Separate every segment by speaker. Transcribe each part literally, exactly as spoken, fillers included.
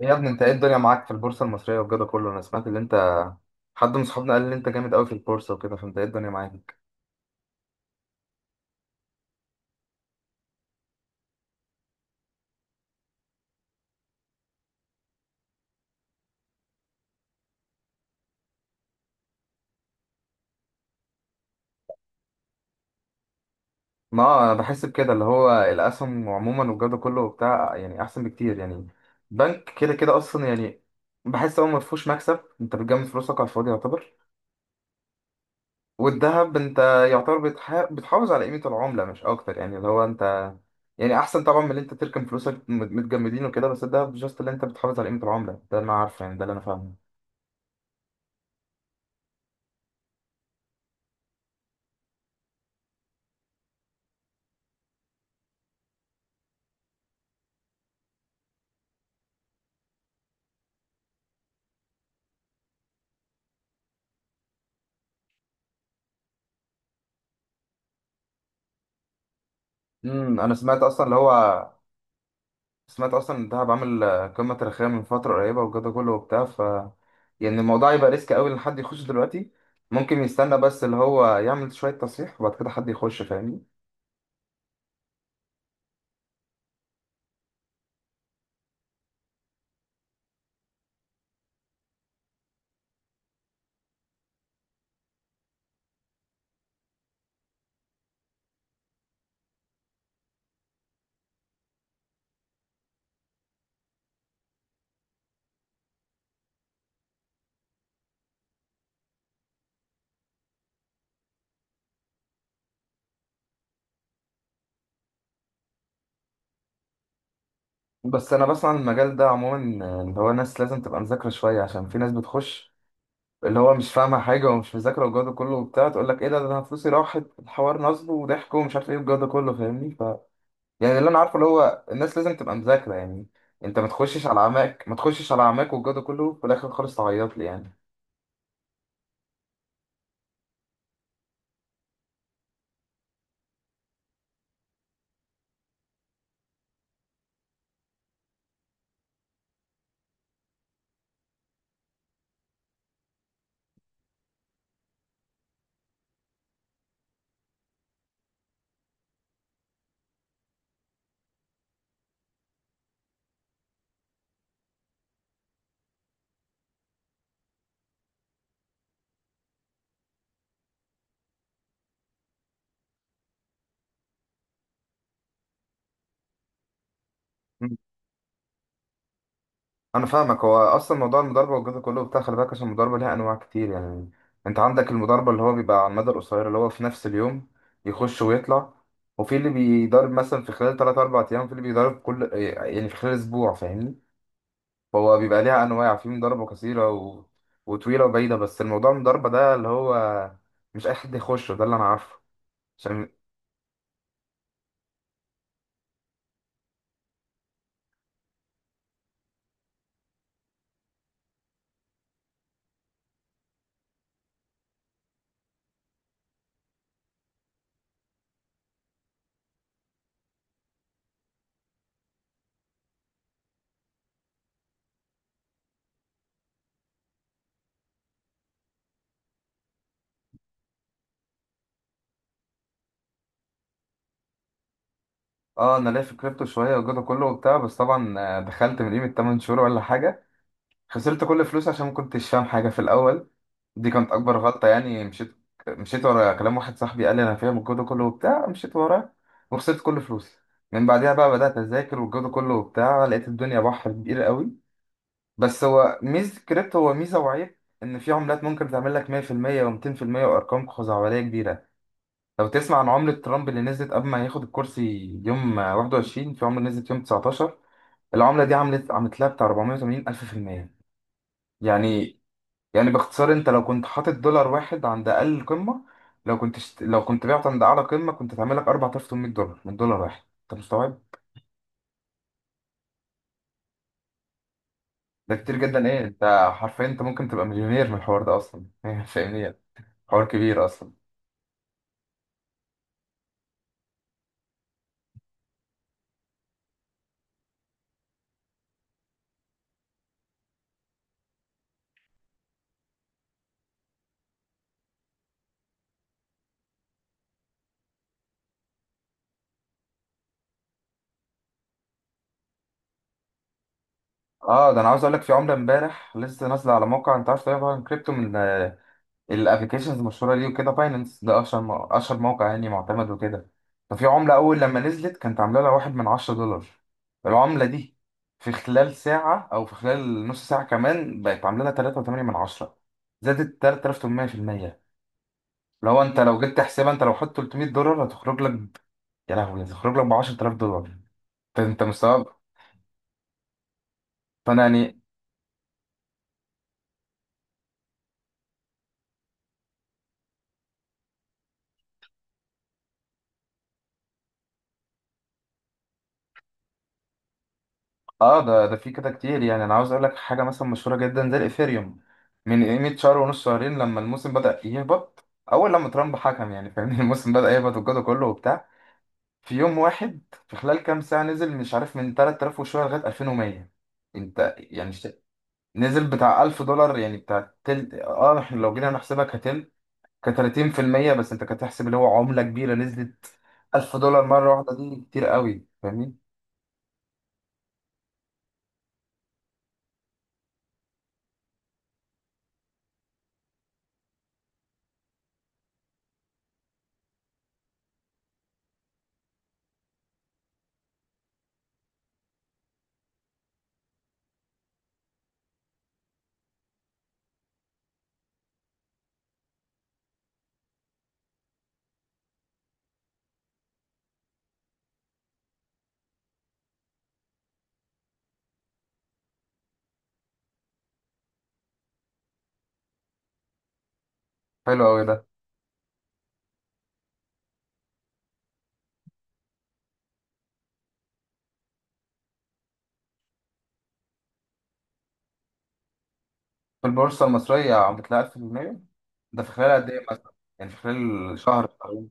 Speaker 1: إيه يا ابني، انت ايه الدنيا معاك في البورصه المصريه والجو ده كله؟ انا سمعت اللي انت، حد من صحابنا قال لي انت جامد قوي في البورصه وكده، فانت ايه الدنيا معاك؟ ما انا بحس بكده، اللي هو الاسهم عموما والجو ده كله بتاع يعني احسن بكتير يعني. بنك كده كده اصلا يعني، بحس هو ما فيهوش مكسب، انت بتجمد فلوسك على الفاضي يعتبر. والذهب انت يعتبر بتح... بتحافظ على قيمه العمله مش اكتر، يعني اللي هو انت يعني احسن طبعا من اللي انت تركن فلوسك مت- متجمدين وكده، بس الذهب جاست اللي انت بتحافظ على قيمه العمله، ده انا عارفه، يعني ده اللي انا فاهمه. امم انا سمعت اصلا اللي هو، سمعت اصلا ان دهب عامل آه، قمه تاريخيه من فتره قريبه والجو ده كله وبتاع، ف يعني الموضوع يبقى ريسك قوي ان حد يخش دلوقتي. ممكن يستنى بس اللي هو يعمل شويه تصحيح وبعد كده حد يخش فاهمني. بس انا بسمع عن المجال ده عموما، آه، اللي هو ناس لازم تبقى مذاكره شويه، عشان في ناس بتخش اللي هو مش فاهمه حاجه ومش مذاكره والجو ده كله وبتاع، تقول لك ايه ده ده انا فلوسي راحت، الحوار نصب وضحك ومش عارف ايه والجو ده كله فاهمني، ف يعني اللي انا عارفه اللي هو الناس لازم تبقى مذاكره يعني. انت ما تخشش على عماك، ما تخشش على عماك والجو ده كله، في الاخر خالص تعيط لي يعني. مم. انا فاهمك، هو اصلا موضوع المضاربه والجزء كله بتاع، خلي بالك، عشان المضاربه ليها انواع كتير يعني. انت عندك المضاربه اللي هو بيبقى على المدى القصير اللي هو في نفس اليوم، يخش ويطلع. وفي اللي بيضارب مثلا في خلال تلات أربعة ايام، في اللي بيضارب كل يعني في خلال اسبوع فاهمني. فهو بيبقى ليها انواع، في مضاربه قصيره و... وطويله وبعيده، بس الموضوع المضاربه ده اللي هو مش اي حد يخشه، ده اللي انا عارفه. عشان اه انا ليا في الكريبتو شويه والجزء كله وبتاع، بس طبعا آه، دخلت من قيمه تمن شهور ولا حاجه، خسرت كل فلوسي عشان ما كنتش فاهم حاجة في الأول. دي كانت اكبر غلطه، يعني مشيت مشيت ورا كلام واحد صاحبي قال لي انا فاهم الجو ده كله وبتاع، مشيت وراه وخسرت كل فلوسي. من بعدها بقى بدات اذاكر والجو ده كله وبتاع، لقيت الدنيا بحر كبير قوي. بس هو ميزه الكريبتو، هو ميزه وعيب، ان في عملات ممكن تعمل لك مية في المية و200% وارقام خزعبليه كبيره. لو تسمع عن عمله ترامب اللي نزلت قبل ما ياخد الكرسي، يوم واحد وعشرين، في عمله نزلت يوم تسعة عشر، العمله دي عملت عملت لها بتاع أربعمائة وثمانين الف في المية يعني. يعني باختصار، انت لو كنت حاطط دولار واحد عند اقل قمه، لو كنت شت... لو كنت بعت عند اعلى قمه كنت هتعمل لك اربعة الاف وتمنمية دولار من دولار واحد. انت مستوعب؟ ده كتير جدا ايه، انت حرفيا انت ممكن تبقى مليونير من الحوار ده اصلا فاهمني يعني؟ حوار كبير اصلا. اه ده انا عاوز اقول لك، في عمله امبارح لسه نازله على موقع، انت عارف طبعا كريبتو من الابلكيشنز المشهوره ليه وكده، باينانس ده اشهر م- اشهر موقع يعني معتمد وكده. ففي عمله اول لما نزلت كانت عامله لها واحد من عشرة دولار، العمله دي في خلال ساعه او في خلال نص ساعه كمان بقت عامله لها ثلاثة فاصلة ثمانية من عشرة، زادت تلاتة الاف وتمنمية في المية. لو انت لو جيت تحسبها، انت لو حط تلتمية دولار هتخرج لك ب- يا لهوي هتخرج لك ب عشرة الاف دولار. انت انت مستوعب؟ فانا يعني. اه ده ده في كده كتير، يعني انا عاوز اقول لك حاجه مثلا مشهوره جدا زي الايثيريوم، من قيمه شهر ونص شهرين لما الموسم بدا يهبط، اول لما ترامب حكم يعني فاهمني الموسم بدا يهبط والجو ده كله وبتاع، في يوم واحد في خلال كام ساعه نزل مش عارف من تلات الاف وشويه لغايه الفين ومية. انت يعني شت- نزل بتاع الف دولار، يعني بتاع تل اه احنا لو جينا نحسبها كتل، ك تلاتين في المية، بس انت كتحسب اللي هو عمله كبيره نزلت ألف دولار مره واحده، دي كتير قوي فاهمني. حلو قوي ده. في البورصة المصرية عم بتلاقي الف في المية؟ ده في خلال قد إيه مثلا؟ يعني في خلال شهر شهرين؟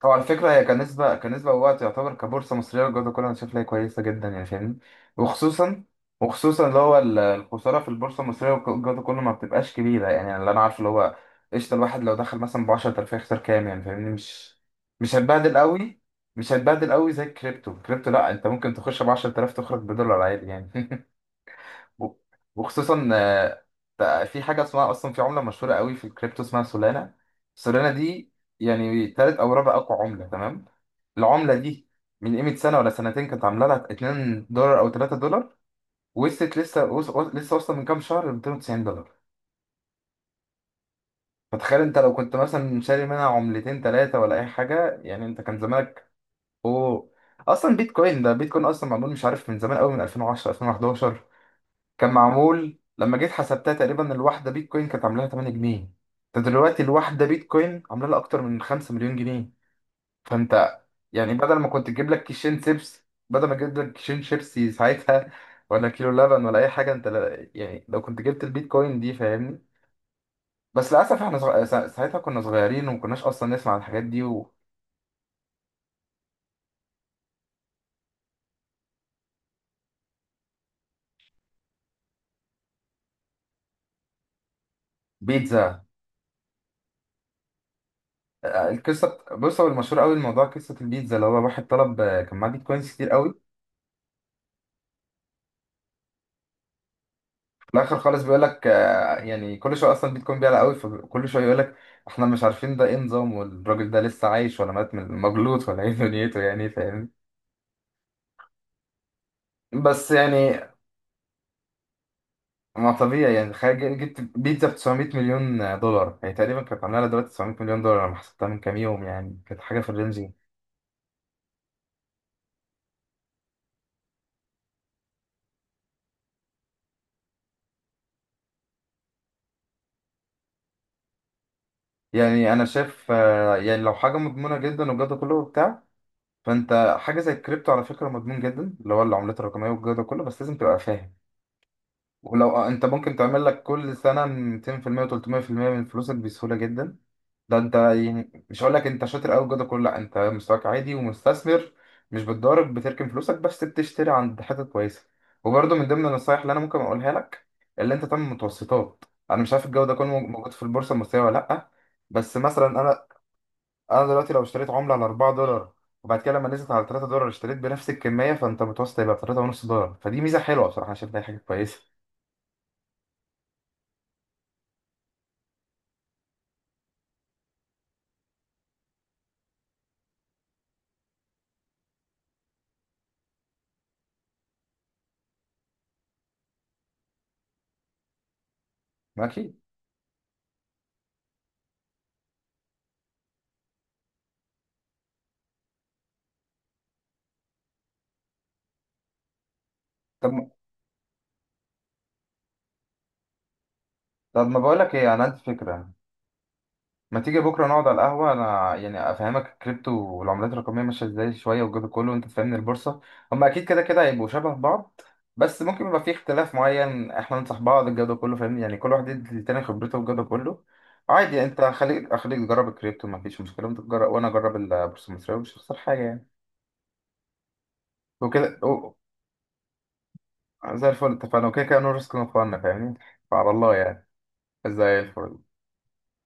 Speaker 1: طبعا على فكرة هي كنسبة، كنسبة ووقت، يعتبر كبورصة مصرية الجودة كلها أنا شايف لها كويسة جدا يعني فاهمني. وخصوصا، وخصوصا اللي هو ال- الخسارة في البورصة المصرية الجودة كلها ما بتبقاش كبيرة يعني، يعني اللي أنا عارفه اللي هو قشطة، الواحد لو دخل مثلا ب عشرة الاف هيخسر كام يعني فاهمني، مش مش هتبهدل قوي. مش هتبهدل قوي زي الكريبتو، الكريبتو لا، أنت ممكن تخش ب عشرة الاف تخرج بدولار عادي يعني. و- وخصوصا آه، بقى في حاجه اسمها اصلا، في عمله مشهوره قوي في الكريبتو اسمها سولانا. سولانا دي يعني تالت او رابع اقوى عمله، تمام؟ العمله دي من قيمه سنه ولا سنتين كانت عامله لها اتنين دولار او ثلاثة دولار، وصلت لسه وص- وص- لسه واصله من كام شهر ل ميتين وتسعين دولار. فتخيل انت لو كنت مثلا شاري منها عملتين ثلاثه ولا اي حاجه يعني، انت كان زمانك. اوه، اصلا بيتكوين ده، بيتكوين اصلا معمول مش عارف من زمان قوي، من الفين وعشرة الفين وحداشر كان معمول، لما جيت حسبتها تقريبا الواحدة بيتكوين كانت عاملاها ثمانية جنيه. انت دلوقتي الواحدة بيتكوين عاملة لها أكتر من خمسة مليون جنيه. فانت يعني بدل ما كنت تجيب لك كيشين شيبس، بدل ما تجيب لك كيشين شيبسي ساعتها ولا كيلو لبن ولا أي حاجة، انت لا- يعني لو كنت جبت البيتكوين دي فاهمني. بس للأسف احنا صغ... سا- ساعتها كنا صغيرين وما كناش أصلا نسمع عن الحاجات دي. وبيتزا، آه، القصة بص، هو المشهور قوي الموضوع قصة البيتزا، اللي هو واحد طلب، آه، كان معاه بيتكوينز كتير قوي. في الاخر خالص بيقول لك، آه، يعني كل شويه اصلا بيتكون بيعلى قوي، فكل شويه يقول لك احنا مش عارفين ده ايه نظام، والراجل ده لسه عايش ولا مات من مجلوط ولا ايه دنيته، يعني فاهم. بس يعني ما طبيعي يعني، تخيل جي- جبت بيتزا ب تسعمائة مليون دولار، هي تقريبا كانت عامله لها دلوقتي تسعمية مليون دولار لما حسبتها من كام يوم، يعني كانت حاجه في الرينج دي. يعني انا شايف آه، يعني لو حاجه مضمونه جدا والجو ده كله وبتاع، فانت حاجه زي الكريبتو على فكره مضمون جدا، اللي هو العملات الرقميه والجو ده كله، بس لازم تبقى فاهم. ولو آه، انت ممكن تعمل لك كل سنه ميتين في المية و300% من فلوسك بسهوله جدا. ده انت يعني مش هقول لك انت شاطر قوي جدا كله، لا انت مستواك عادي ومستثمر، مش بتضارب، بتركن فلوسك بس بتشتري عند حتت كويسه. وبرده من ضمن النصايح اللي انا ممكن اقولها لك، اللي انت تعمل متوسطات. انا مش عارف الجو ده كله موجود في البورصه المصريه ولا لا، بس مثلا انا انا دلوقتي لو اشتريت عمله على اربع دولار، وبعد كده لما نزلت على ثلاثة دولار اشتريت بنفس الكميه، فانت متوسط هيبقى تلاتة ونص دولار. فدي ميزه حلوه بصراحه، انا شايف إن هي حاجه كويسه. ماشي. طب طب ما بقولك ايه، انا عندي فكره. ما تيجي بكره نقعد على القهوه، انا يعني افهمك الكريبتو والعملات الرقميه ماشيه ازاي شويه والجو ده كله، وانت تفهمني البورصه. هما اكيد كده كده هيبقوا شبه بعض، بس ممكن يبقى في اختلاف معين، احنا ننصح بعض الجو ده كله فاهمني، يعني كل واحد يدي للتاني خبرته والجو ده كله. عادي، انت خليك، اخليك تجرب الكريبتو ما فيش مشكله، وانت تجرب وانا اجرب البورصه المصريه ومش هخسر حاجه يعني. وكده و- زي الفل، اتفقنا، وكده كده نو ريسك نو فن فاهمني. فعلى الله يعني. زي الفل.